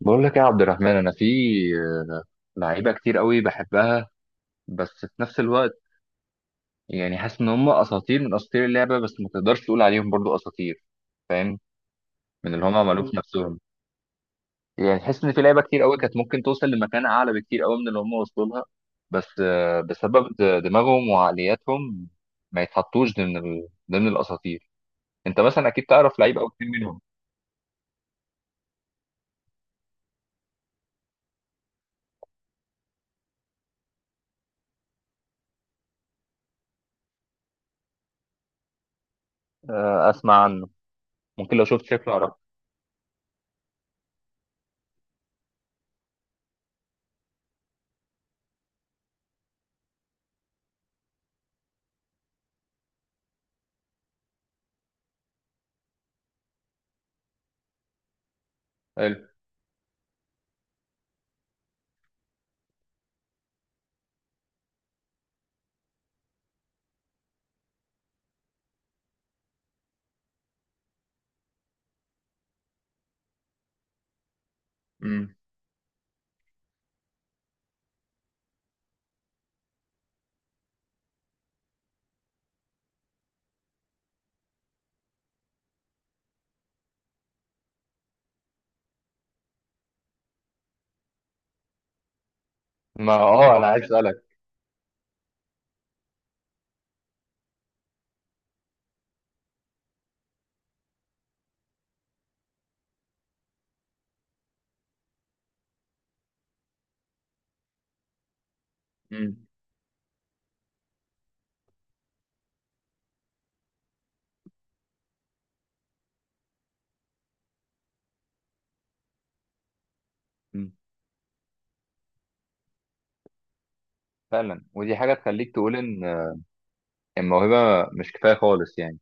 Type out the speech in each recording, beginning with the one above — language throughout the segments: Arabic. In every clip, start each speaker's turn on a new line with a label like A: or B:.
A: بقول لك يا عبد الرحمن، انا في آه، لعيبه كتير قوي بحبها، بس في نفس الوقت يعني حاسس ان هم اساطير من اساطير اللعبه، بس ما تقدرش تقول عليهم برضو اساطير. فاهم من اللي هم عملوه في نفسهم. يعني تحس ان في لعيبه كتير قوي كانت ممكن توصل لمكان اعلى بكتير قوي من اللي هم وصلوا لها، بس بسبب دماغهم وعقلياتهم ما يتحطوش ضمن ضمن الاساطير. انت مثلا اكيد تعرف لعيب او اتنين منهم. اسمع عنه، ممكن لو شفت شكله اعرفه. حلو. مم. ما اه انا عايز اسالك. مم. مم. فعلا، ودي حاجة تخليك تقول إن الموهبة مش كفاية خالص يعني،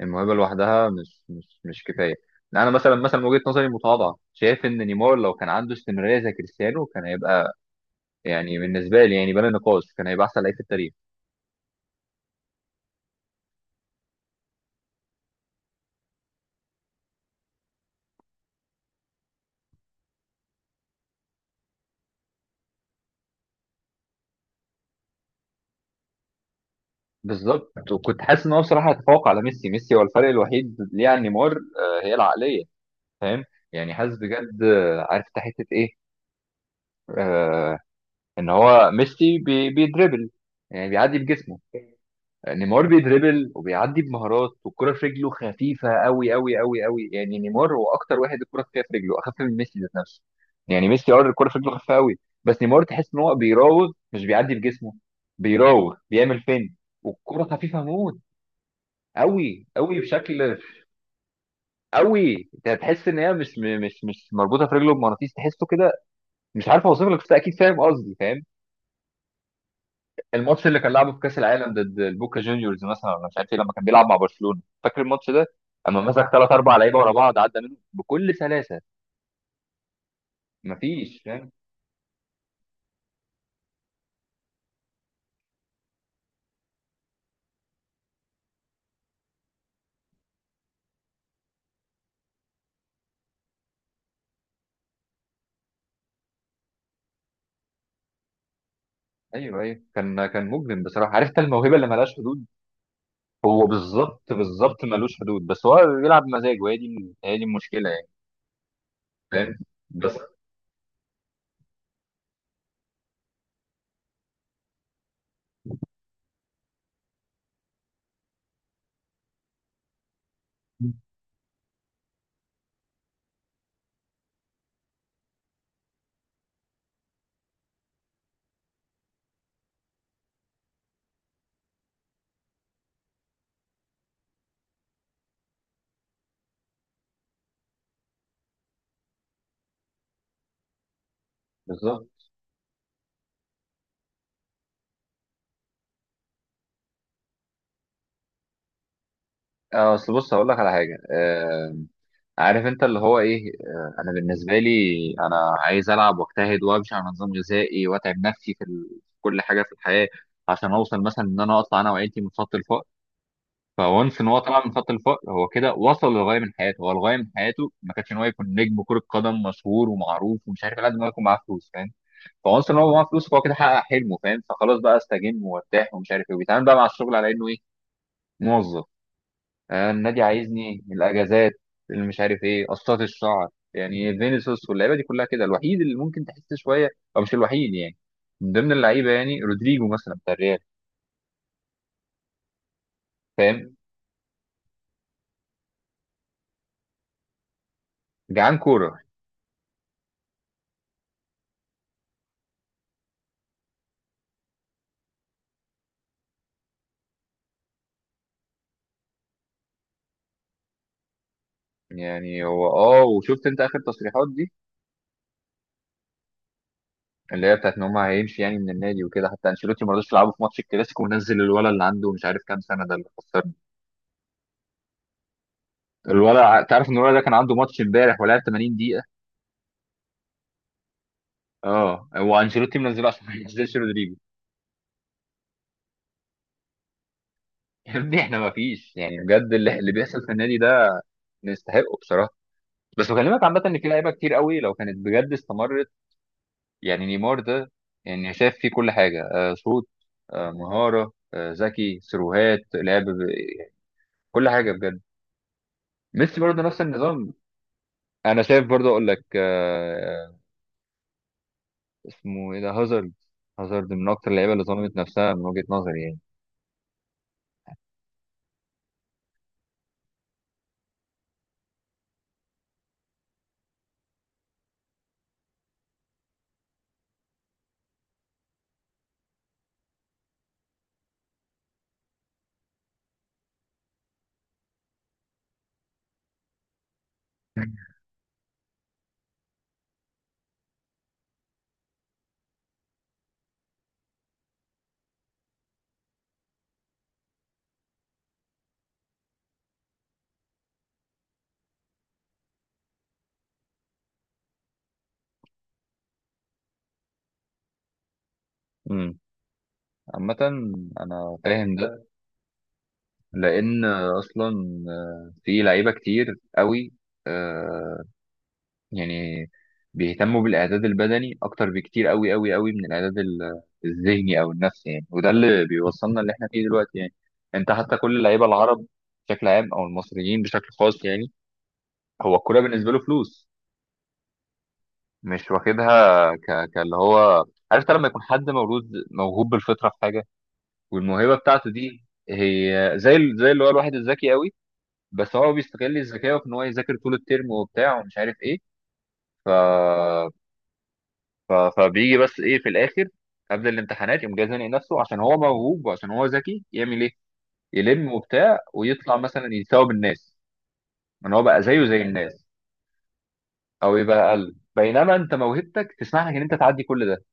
A: الموهبة لوحدها مش كفاية. يعني أنا مثلا من وجهة نظري المتواضعة شايف إن نيمار لو كان عنده استمرارية زي كريستيانو كان هيبقى، يعني بالنسبة لي يعني بلا نقاش، كان هيبقى أحسن لعيب في التاريخ. بالظبط، وكنت حاسس إن هو بصراحة هيتفوق على ميسي. ميسي هو الفرق الوحيد ليه عن نيمار، هي العقلية. فاهم، يعني حاسس بجد، عارف أنت حتة إيه؟ آه إن هو ميسي بيدربل، يعني بيعدي بجسمه. نيمار بيدريبل وبيعدي بمهارات، والكرة في رجله خفيفة قوي قوي قوي قوي. يعني نيمار هو أكتر واحد الكرة خفيفة في رجله، أخف من ميسي ذات نفسه. يعني ميسي أه الكرة في رجله خفيفة قوي، بس نيمار تحس إن هو بيراوغ، مش بيعدي بجسمه. بيراوغ، بيعمل فين، والكرة خفيفة موت، قوي قوي بشكل قوي. انت هتحس ان هي مش مربوطه في رجله بمغناطيس، تحسه كده. مش عارف اوصف لك، بس اكيد فاهم قصدي. فاهم الماتش اللي كان لعبه في كاس العالم ضد البوكا جونيورز مثلا، ولا مش عارف ايه، لما كان بيلعب مع برشلونه؟ فاكر الماتش ده اما مسك ثلاث اربع لعيبه ورا بعض، عدى منهم بكل سلاسه. مفيش فاهم. ايوه ايوه، كان كان مجرم بصراحه، عرفت الموهبه اللي ملهاش حدود. هو بالظبط بالظبط ملوش حدود، بس هو بيلعب مزاجه. هي دي هي دي المشكله يعني، فاهم؟ بس بالظبط. اصل بص هقول لك على حاجه، عارف انت اللي هو ايه، انا بالنسبه لي، انا عايز العب واجتهد وامشي على نظام غذائي واتعب نفسي في في كل حاجه في الحياه عشان اوصل مثلا ان انا اطلع انا وعيلتي من خط الفقر. فونس ان هو طلع من خط الفقر، هو كده وصل للغايه من حياته. هو الغايه من حياته ما كانش ان هو يكون نجم كره قدم مشهور ومعروف ومش عارف إيه، لازم هو يكون معاه فلوس، فاهم؟ فونس ان هو معاه فلوس، فهو كده حقق حلمه، فاهم؟ فخلاص بقى استجم وارتاح ومش عارف ايه، وبيتعامل بقى مع الشغل على انه ايه، موظف. النادي عايزني الاجازات اللي مش عارف ايه، قصات الشعر، يعني فينيسيوس واللعيبه دي كلها كده. الوحيد اللي ممكن تحس شويه، او مش الوحيد يعني، من ضمن اللعيبه يعني، رودريجو مثلا بتاع الريال. فاهم جعان كوره. يعني هو اه، وشفت انت اخر تصريحات دي اللي هي بتاعت ان هم هيمشي يعني من النادي وكده؟ حتى انشيلوتي ما رضاش يلعبه في ماتش الكلاسيكو، ونزل الولد اللي عنده مش عارف كام سنه ده اللي خسرنا. الولد تعرف ان الولد ده كان عنده ماتش امبارح ولعب 80 دقيقه؟ اه، هو انشيلوتي منزله عشان ما ينزلش رودريجو. يا ابني احنا ما فيش، يعني بجد اللي بيحصل في النادي ده نستحقه بصراحه. بس بكلمك عامه ان في لعيبه كتير قوي لو كانت بجد استمرت، يعني نيمار ده، يعني شايف فيه كل حاجه، آه شوط، آه مهاره، آه ذكي، سيروهات، لعب ب...، كل حاجه بجد. ميسي برضه نفس النظام. انا شايف برضه اقول لك اسمه ايه ده، هازارد. هازارد من اكتر اللعيبه اللي ظلمت نفسها من وجهه نظري يعني. امم، عامه انا فاهم ده، لان اصلا في لعيبه كتير قوي، آه، يعني بيهتموا بالاعداد البدني اكتر بكتير قوي قوي قوي من الاعداد الذهني او النفسي يعني، وده اللي بيوصلنا اللي احنا فيه دلوقتي يعني. انت حتى كل اللعيبه العرب بشكل عام، او المصريين بشكل خاص يعني، هو الكوره بالنسبه له فلوس، مش واخدها كاللي هو، عارف أنت لما يكون حد مولود موهوب بالفطره في حاجه، والموهبه بتاعته دي هي زي زي اللي هو الواحد الذكي قوي، بس هو بيستغل ذكائه في ان هو يذاكر طول الترم وبتاع ومش عارف ايه، ف... فبيجي بس ايه في الاخر، قبل الامتحانات، يقوم جاي زانق نفسه عشان هو موهوب وعشان هو ذكي، يعمل ايه؟ يلم وبتاع ويطلع مثلا يساوي الناس، ان هو بقى زيه زي الناس، او يبقى اقل، بينما انت موهبتك تسمح لك ان انت تعدي كل ده،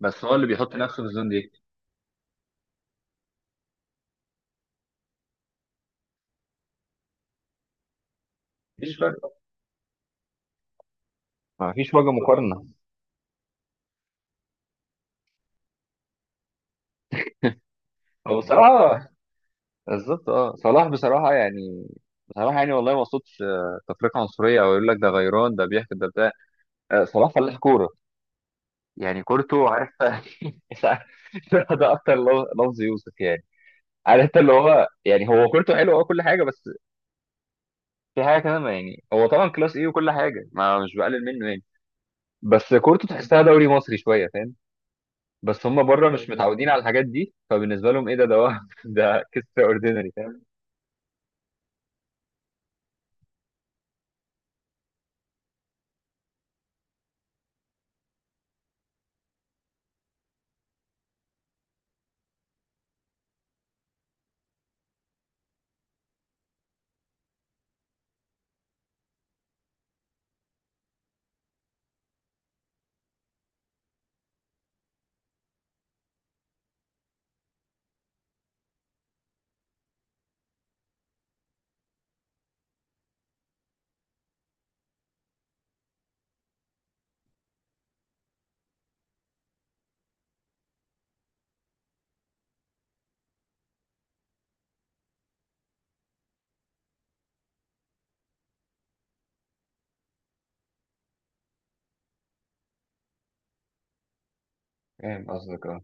A: بس هو اللي بيحط نفسه في الزون دي. مفيش فرق، مفيش وجه مقارنه. هو بصراحه بالظبط، اه صلاح بصراحه يعني، بصراحه يعني والله ما صوتش تفرقه عنصريه او يقول لك ده غيران ده بيحكي ده بتاع، صلاح فلاح كوره، يعني كورته، عارف مش عارف، ده اكتر لفظ يوسف يعني، عارف انت اللي هو يعني، هو كورته حلوه اه كل حاجه، بس في حاجه كمان ما، يعني هو طبعا كلاس ايه وكل حاجه، ما مش بقلل منه يعني، بس كورته تحسها دوري مصري شويه، فاهم؟ بس هم بره مش متعودين على الحاجات دي، فبالنسبه لهم ايه ده، ده ده كيس اوردينري، فاهم؟ فاهم قصدك اه.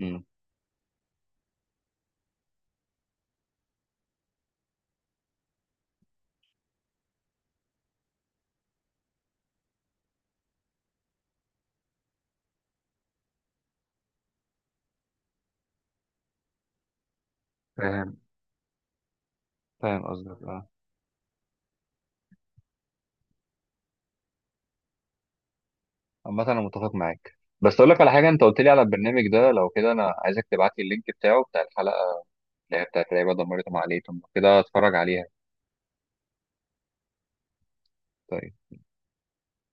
A: أمم. فاهم فاهم قصدك اه. عامة انا متفق معاك، بس اقول لك على حاجه، انت قلت لي على البرنامج ده، لو كده انا عايزك تبعت لي اللينك بتاعه، بتاع الحلقه اللي هي بتاعت لعيبة دمرت عقليتهم كده، اتفرج عليها. طيب.